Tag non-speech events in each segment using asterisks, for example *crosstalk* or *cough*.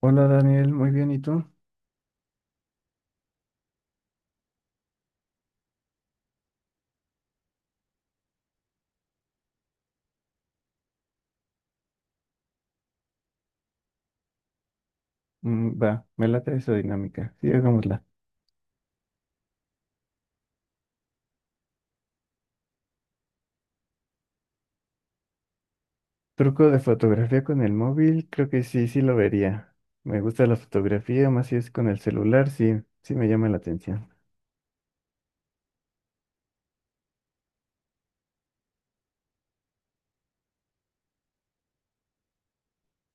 Hola Daniel, muy bien, ¿y tú? Mm, va, me late esa dinámica, sí, hagámosla. Truco de fotografía con el móvil, creo que sí, sí lo vería. Me gusta la fotografía, más si es con el celular, sí, sí me llama la atención.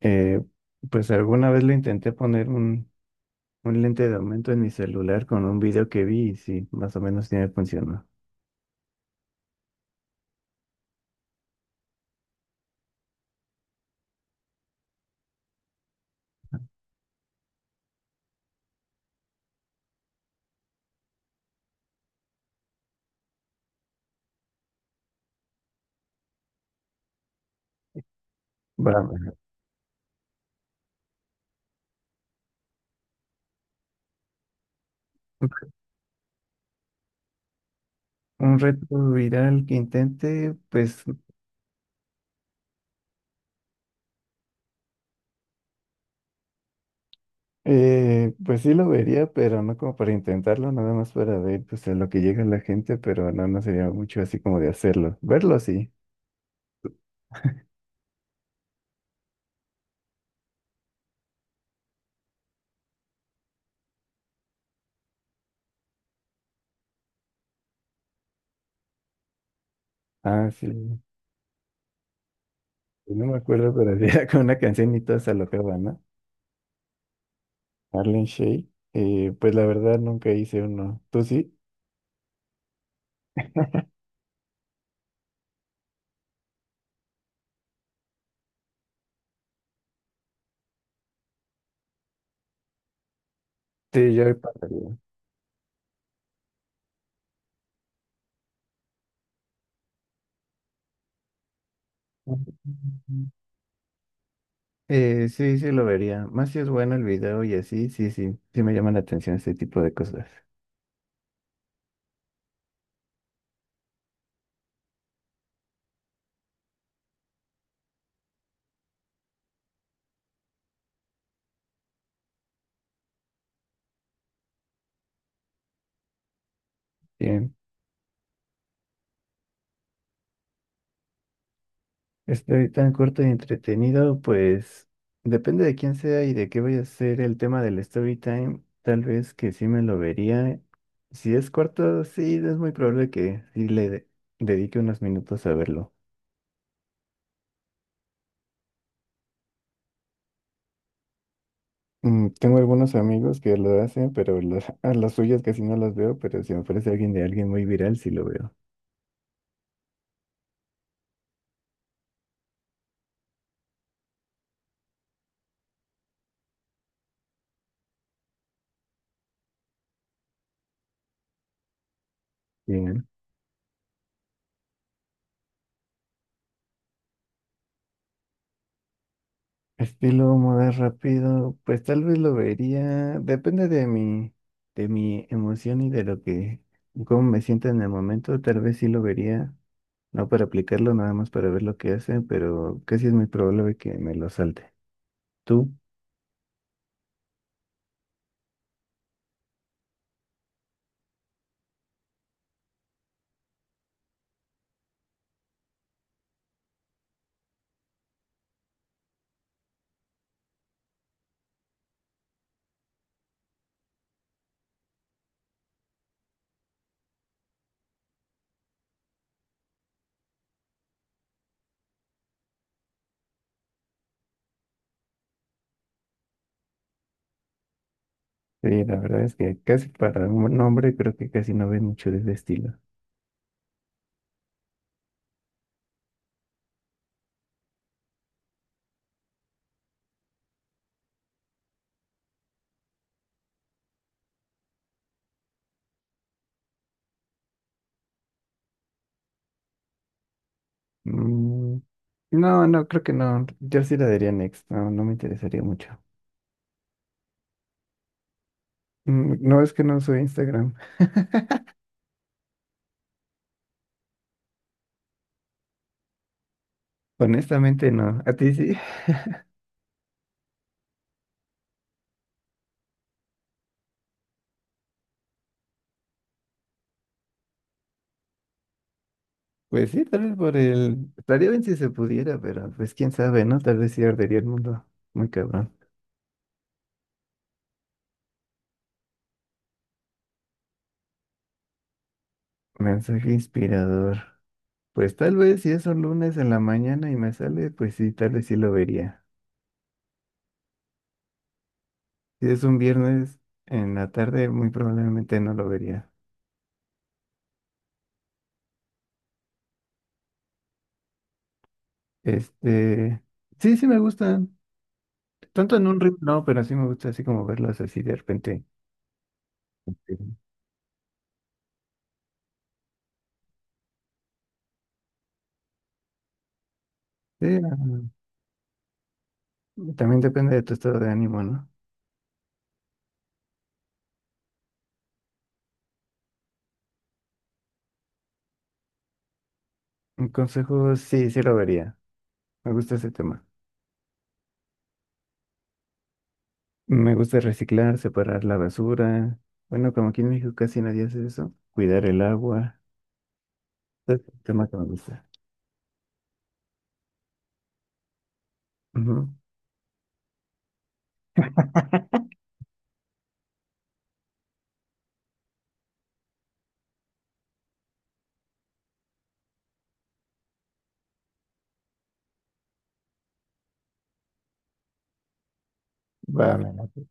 Eh, pues alguna vez lo intenté poner un lente de aumento en mi celular con un video que vi y sí, más o menos sí me funcionó. Va, un reto viral que intente, pues. Pues sí lo vería, pero no como para intentarlo, nada más para ver pues a lo que llega la gente, pero no, no sería mucho así como de hacerlo. Verlo sí. Ah, sí. No me acuerdo, pero era *laughs* con una canción y todos se alocaban, ¿no? Marlene Shea. Pues la verdad nunca hice uno. ¿Tú sí? Sí, yo pasaría. Sí, sí lo vería. Más si es bueno el video y así, sí, sí, sí me llama la atención este tipo de cosas. Bien. Estoy tan corto y entretenido, pues depende de quién sea y de qué vaya a ser el tema del story time. Tal vez que sí me lo vería. Si es corto, sí, es muy probable que sí dedique unos minutos a verlo. Mm, tengo algunos amigos que lo hacen, pero *laughs* a las suyas casi no las veo, pero si me aparece alguien de alguien muy viral, sí lo veo. Estilo mover rápido, pues tal vez lo vería, depende de de mi emoción y de lo que, cómo me sienta en el momento, tal vez sí lo vería, no para aplicarlo, nada más para ver lo que hace, pero casi es muy probable que me lo salte. ¿Tú? Sí, la verdad es que casi para un hombre creo que casi no ve mucho de ese estilo. Mm, no, no, creo que no, yo sí la daría next, no, no me interesaría mucho. Mm, no, es que no soy Instagram, *laughs* honestamente no, ¿a ti sí? Pues sí, tal vez por el... Estaría bien si se pudiera, pero pues quién sabe, ¿no? Tal vez sí ardería el mundo. Muy cabrón. Mensaje inspirador. Pues tal vez si es un lunes en la mañana y me sale, pues sí, tal vez sí lo vería. Si es un viernes en la tarde, muy probablemente no lo vería. Este... Sí, sí me gustan. Tanto en un reel, no, pero sí me gusta así como verlos así de repente. Sí, sí, también depende de tu estado de ánimo, ¿no? Un consejo, sí, sí lo vería. Me gusta ese tema. Me gusta reciclar, separar la basura. Bueno, como aquí en México casi nadie hace eso. Cuidar el agua. Es un tema que me gusta. Ujú. Va, me late.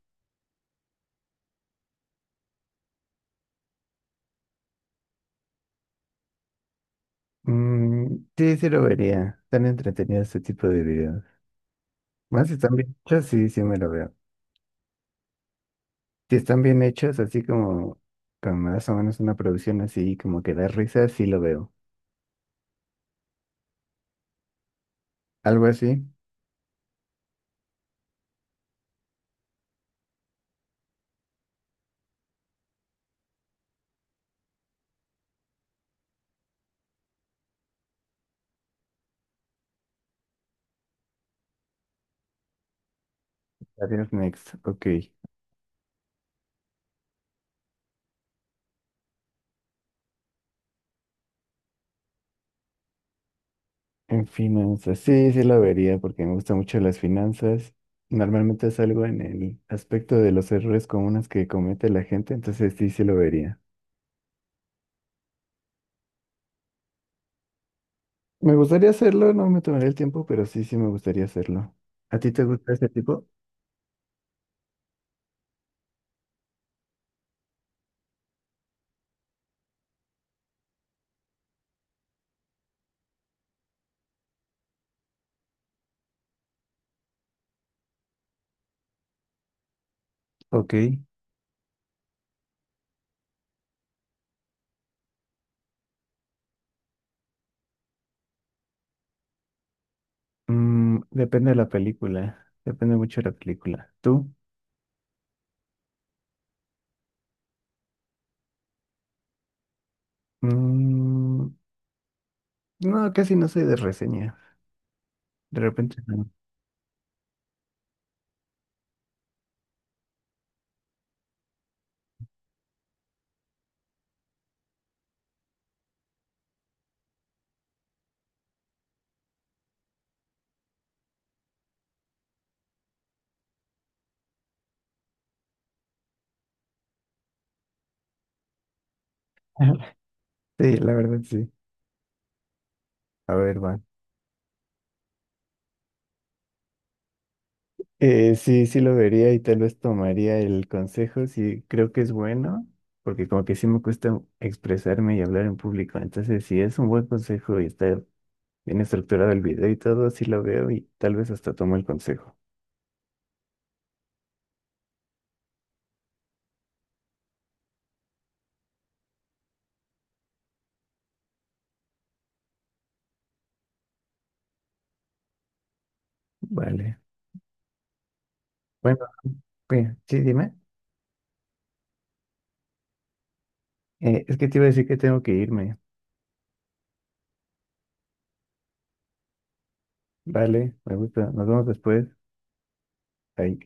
Mm, sí, sí lo vería. Están entretenidos este tipo de videos. Más si están bien hechos, sí, sí me lo veo. Si están bien hechos, así como con más o menos una producción así, como que da risa, sí lo veo. Algo así. Adiós, next. Ok. En finanzas, sí, sí la vería porque me gustan mucho las finanzas. Normalmente salgo en el aspecto de los errores comunes que comete la gente, entonces sí, sí lo vería. Me gustaría hacerlo, no me tomaré el tiempo, pero sí, sí me gustaría hacerlo. ¿A ti te gusta ese tipo? Ok. Mm, depende de la película, depende mucho de la película. ¿Tú? Mm, no, casi no soy de reseña. De repente no. *laughs* Sí, la verdad sí. A ver, va. Sí, sí lo vería y tal vez tomaría el consejo, sí creo que es bueno, porque como que sí me cuesta expresarme y hablar en público, entonces si es un buen consejo y está bien estructurado el video y todo, sí lo veo y tal vez hasta tomo el consejo. Vale. Bueno, oye, sí, dime. Es que te iba a decir que tengo que irme. Vale, me gusta. Nos vemos después. Ahí.